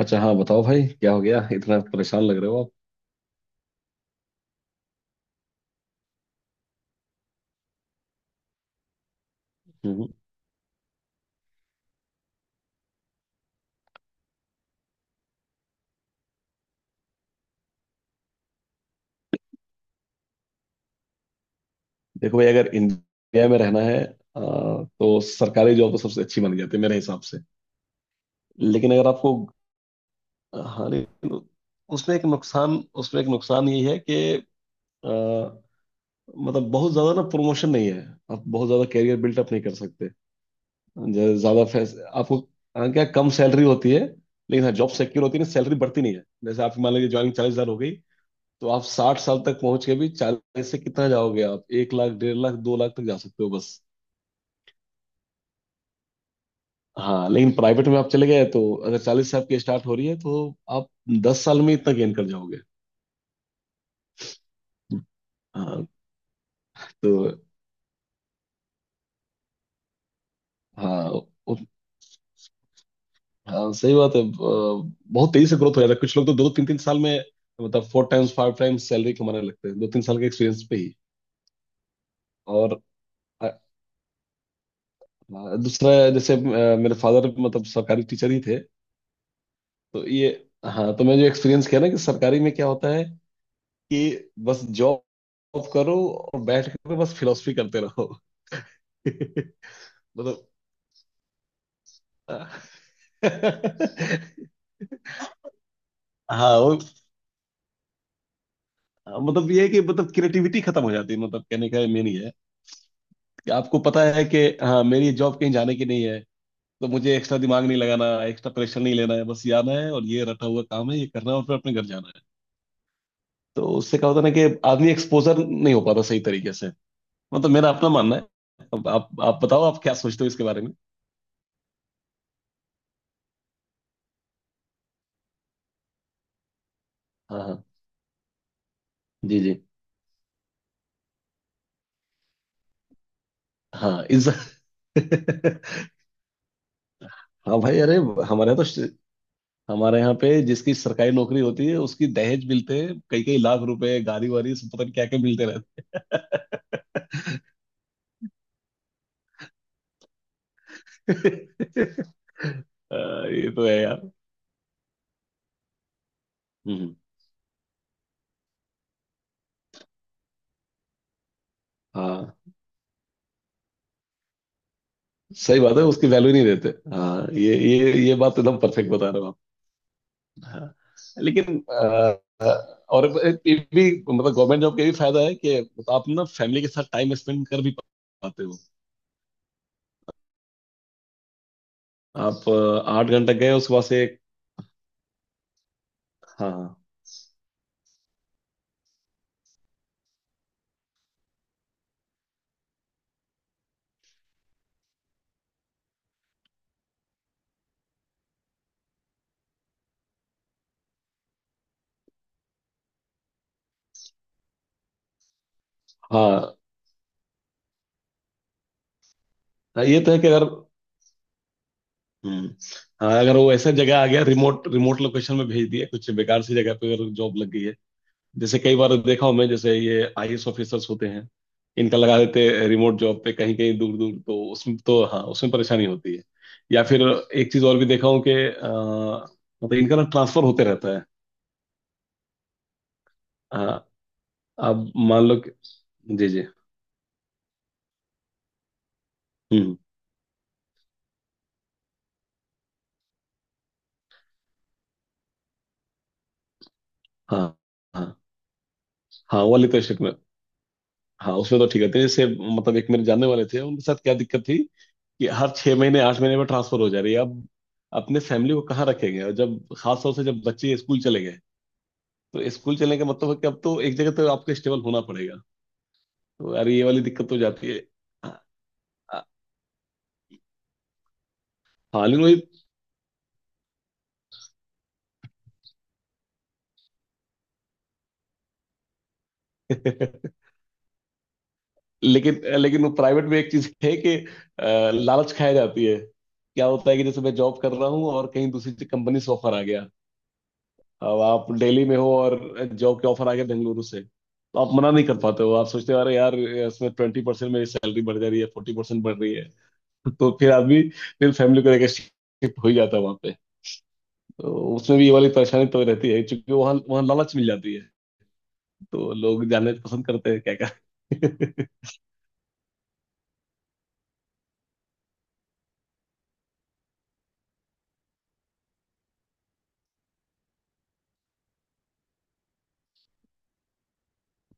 अच्छा, हाँ बताओ भाई, क्या हो गया? इतना परेशान लग रहे हो आप। हम्म। देखो भाई, अगर इंडिया में रहना है, तो सरकारी जॉब तो सबसे अच्छी मानी जाती है मेरे हिसाब से। लेकिन अगर आपको, हाँ लेकिन, उसमें एक नुकसान उसमें एक नुकसान ये है कि, आ, मतलब बहुत ज्यादा ना प्रमोशन नहीं है। आप बहुत ज्यादा कैरियर बिल्डअप नहीं कर सकते। ज्यादा फैस आपको, हाँ, क्या कम सैलरी होती है। लेकिन हाँ, जॉब सिक्योर होती है ना, सैलरी बढ़ती नहीं है। जैसे आप मान लीजिए ज्वाइनिंग 40,000 हो गई। तो आप 60 साल तक पहुंच के भी 40 से कितना जाओगे, आप 1 लाख, 1.5 लाख, 2 लाख तक जा सकते हो बस। हाँ, लेकिन प्राइवेट में आप चले गए तो, अगर 40 से आपकी स्टार्ट हो रही है तो आप 10 साल में इतना गेन कर जाओगे। हाँ तो, हाँ उ- हाँ सही बात है, बहुत तेजी से ग्रोथ हो जाता है, कुछ लोग तो दो तीन तीन साल में मतलब 4 times 5 times सैलरी कमाने लगते हैं, 2-3 साल के एक्सपीरियंस पे ही। और, अ, हाँ, दूसरा, जैसे मेरे फादर मतलब सरकारी टीचर ही थे। तो ये, हाँ तो मैं जो एक्सपीरियंस किया ना कि सरकारी में क्या होता है, कि बस जॉब करो और बैठ कर बस फिलोसफी करते रहो। मतलब हाँ वो, मतलब ये है कि, मतलब क्रिएटिविटी खत्म हो जाती है, मतलब कहने का मेन ये है कि आपको पता है कि हाँ, मेरी जॉब कहीं जाने की नहीं है, तो मुझे एक्स्ट्रा दिमाग नहीं लगाना, एक्स्ट्रा प्रेशर नहीं लेना है, बस ये आना है और ये रटा हुआ काम है, ये करना है और फिर अपने घर जाना है। तो उससे क्या होता है ना कि आदमी एक्सपोजर नहीं हो पाता सही तरीके से। मतलब मेरा अपना मानना है। अब आप बताओ, आप क्या सोचते हो इसके बारे में? हाँ हाँ। जी जी। हाँ इस हाँ भाई, अरे हमारे यहाँ तो हमारे यहाँ पे जिसकी सरकारी नौकरी होती है उसकी दहेज मिलते हैं, कई कई लाख रुपए, गाड़ी वाड़ी सब, पता नहीं क्या क्या मिलते रहते हैं। हाँ, ये तो है यार। हम्म। हाँ सही बात है, उसकी वैल्यू नहीं देते। हाँ, ये बात तो एकदम परफेक्ट बता रहे हो आप। हाँ लेकिन, और ये भी, मतलब गवर्नमेंट जॉब का ये भी फायदा है कि आप ना फैमिली के साथ टाइम स्पेंड कर भी पाते हो। आप, 8 घंटे गए उसके बाद से, हाँ हाँ हाँ, ये तो है कि अगर, हम्म, हाँ, अगर वो ऐसा जगह आ गया, रिमोट रिमोट लोकेशन में भेज दिया, कुछ बेकार सी जगह पे अगर जॉब लग गई है। जैसे कई बार देखा हूं मैं, जैसे ये आईएएस ऑफिसर्स होते हैं, इनका लगा देते हैं रिमोट जॉब पे, कहीं कहीं दूर दूर, तो उसमें तो हाँ, उसमें परेशानी होती है। या फिर एक चीज और भी देखा हूँ कि, मतलब इनका ना ट्रांसफर होते रहता है। हाँ, अब मान लो कि, जी जी, हम्म, हाँ हाँ, हाँ वो वाली तो शिफ्ट में, हाँ उसमें तो ठीक है थे। जैसे मतलब एक मेरे जानने वाले थे, उनके साथ क्या दिक्कत थी कि हर 6 महीने 8 महीने में ट्रांसफर हो जा रही है। अब अपने फैमिली को कहाँ रखेंगे, और जब खास तौर से जब बच्चे स्कूल चले गए, तो स्कूल चलने का मतलब है कि अब तो एक जगह तो आपको स्टेबल होना पड़ेगा। तो यार, ये वाली दिक्कत तो हो जाती है। हाँ लेकिन वही लेकिन लेकिन वो प्राइवेट में एक चीज है कि, लालच खाया जाती है, क्या होता है कि जैसे मैं जॉब कर रहा हूँ और कहीं दूसरी कंपनी से ऑफर आ गया। अब आप दिल्ली में हो और जॉब के ऑफर आ गया बेंगलुरु से, तो आप मना नहीं कर पाते हो, आप सोचते हो अरे यार, इसमें 20% मेरी सैलरी बढ़ जा रही है, 40% बढ़ रही है। तो फिर आदमी फिर फैमिली को लेकर शिफ्ट हो ही जाता है वहाँ पे। तो उसमें भी ये वाली परेशानी तो रहती है, क्योंकि वहाँ वहाँ लालच मिल जाती है। तो लोग जाने पसंद करते हैं, क्या क्या।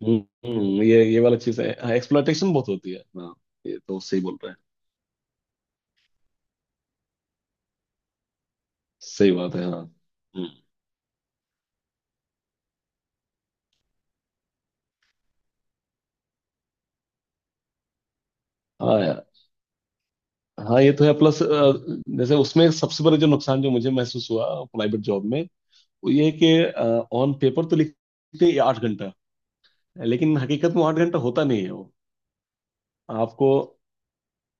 हम्म, ये वाला चीज है, हाँ, एक्सप्लॉयटेशन बहुत होती है हाँ, ये तो सही बोल रहे हैं, सही बात है हाँ। हम्म। हाँ यार। हाँ, ये तो है प्लस, जैसे उसमें सबसे बड़ा जो नुकसान जो मुझे महसूस हुआ प्राइवेट जॉब में, वो ये है कि ऑन पेपर तो लिखते हैं 8 घंटा, लेकिन हकीकत में 8 घंटा होता नहीं है वो। आपको,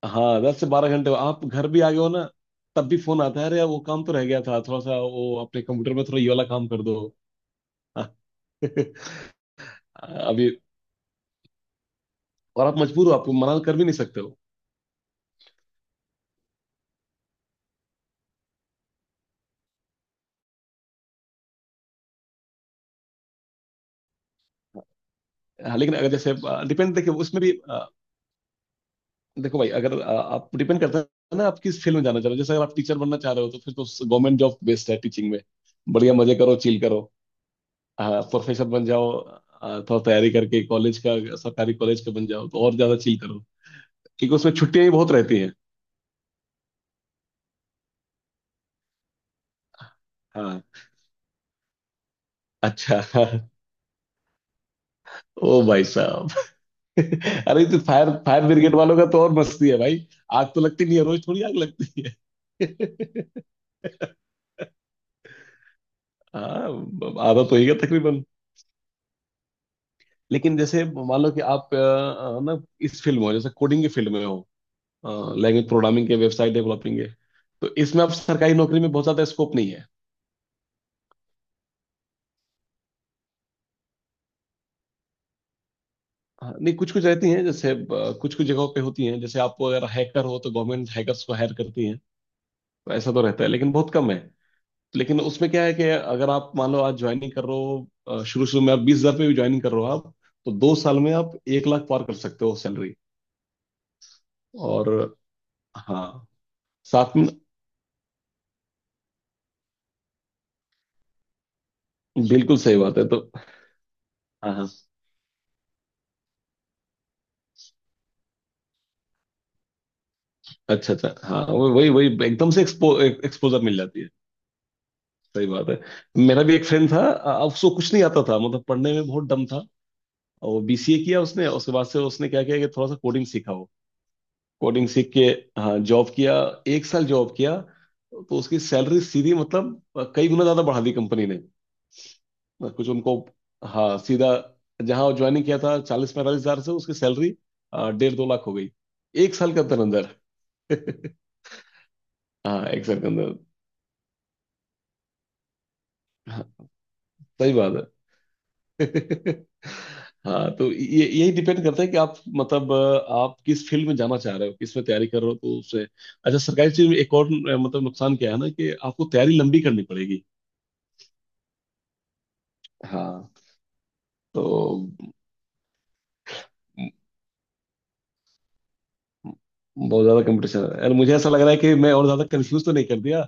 हाँ 10 से 12 घंटे आप घर भी आ गए हो ना, तब भी फोन आता है, अरे यार, वो काम तो रह गया था थोड़ा सा, वो अपने कंप्यूटर में थोड़ा ये वाला काम कर दो। अभी, और आप मजबूर हो, आपको मना कर भी नहीं सकते हो। हाँ, लेकिन अगर जैसे, डिपेंड देखिए उसमें भी, देखो भाई अगर, आप, डिपेंड करता है ना, आप किस फील्ड में जाना चाह रहे हो, जैसे अगर आप टीचर बनना चाह रहे हो तो फिर तो गवर्नमेंट जॉब बेस्ट है टीचिंग में, बढ़िया मजे करो, चिल करो। हाँ प्रोफेसर बन जाओ, थोड़ा तैयारी करके, कॉलेज का सरकारी कॉलेज का बन जाओ तो और ज्यादा चिल करो, क्योंकि उसमें छुट्टियां भी बहुत रहती हैं। हाँ, अच्छा ओ भाई साहब अरे तो फायर फायर ब्रिगेड वालों का तो और मस्ती है भाई। आग तो लगती नहीं है, रोज थोड़ी आग लगती है। हाँ, आधा तो ही है तकरीबन। लेकिन जैसे मान लो कि आप, ना, इस फील्ड में हो, जैसे कोडिंग की फील्ड में हो, लैंग्वेज प्रोग्रामिंग के, वेबसाइट डेवलपिंग के, तो इसमें आप सरकारी नौकरी में बहुत ज्यादा स्कोप नहीं है। हाँ, नहीं कुछ कुछ रहती हैं, जैसे कुछ कुछ जगहों पे होती हैं, जैसे आप अगर हैकर हो तो गवर्नमेंट hackers को हायर करती है, तो ऐसा तो रहता है, लेकिन बहुत कम है। लेकिन उसमें क्या है कि, अगर आप मान लो आज ज्वाइनिंग कर रहे हो शुरू शुरू में, आप 20,000 पे भी ज्वाइनिंग कर रहे हो आप, तो 2 साल में आप 1 लाख पार कर सकते हो सैलरी। और हाँ, साथ में बिल्कुल सही बात है तो, हाँ हाँ, अच्छा अच्छा, हाँ वही वही एकदम से एक्सपोजर मिल जाती है। सही बात है, मेरा भी एक फ्रेंड था, उसको कुछ नहीं आता था, मतलब पढ़ने में बहुत दम था, और वो बीसीए किया उसने, उसके बाद से उसने क्या किया कि थोड़ा सा कोडिंग सीखा वो, कोडिंग सीख के हाँ जॉब किया, एक साल जॉब किया, तो उसकी सैलरी सीधी, मतलब, कई गुना ज्यादा बढ़ा दी कंपनी ने। कुछ उनको, हाँ सीधा जहाँ ज्वाइनिंग किया था 40-45 हजार से, उसकी सैलरी, 1.5-2 लाख हो गई, एक साल के अंदर अंदर। हाँ, एक साल के अंदर। हाँ, सही बात है। हाँ तो ये यही डिपेंड करता है कि आप मतलब, आप किस फील्ड में जाना चाह रहे हो, किस में तैयारी कर रहे हो, तो उससे अच्छा। सरकारी चीज में एक और, मतलब नुकसान क्या है ना कि आपको तैयारी लंबी करनी पड़ेगी। हाँ तो म- म- बहुत ज्यादा कंपटीशन है यार, मुझे ऐसा लग रहा है कि मैं और ज्यादा कंफ्यूज तो नहीं कर दिया।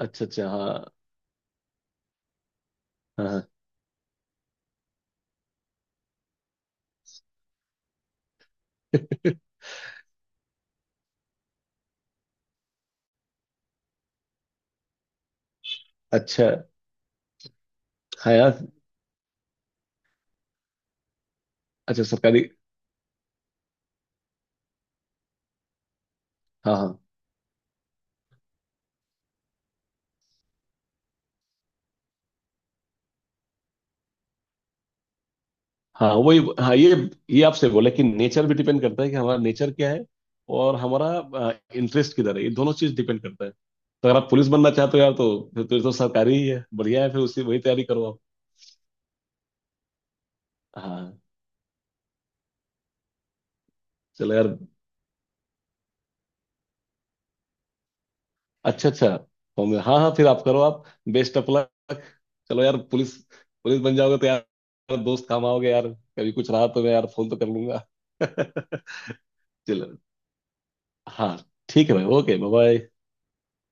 अच्छा अच्छा, हाँ हाँ अच्छा, हाँ यार, अच्छा सरकारी, हाँ हाँ। हाँ वही, हाँ ये आपसे बोला कि नेचर भी डिपेंड करता है कि हमारा नेचर क्या है और हमारा इंटरेस्ट किधर है, ये दोनों चीज डिपेंड करता है। तो अगर आप पुलिस बनना चाहते हो यार, तो फिर तो, ये तो सरकारी ही है, बढ़िया है, फिर उसी वही तैयारी करो आप। हाँ चलो यार, अच्छा अच्छा, होंगे हाँ हाँ, फिर आप करो आप। Best of luck. चलो यार, पुलिस पुलिस बन जाओगे तो यार दोस्त काम आओगे यार, कभी कुछ रहा तो मैं यार फोन तो कर लूंगा। चलो, हाँ, ठीक है भाई, ओके बाय।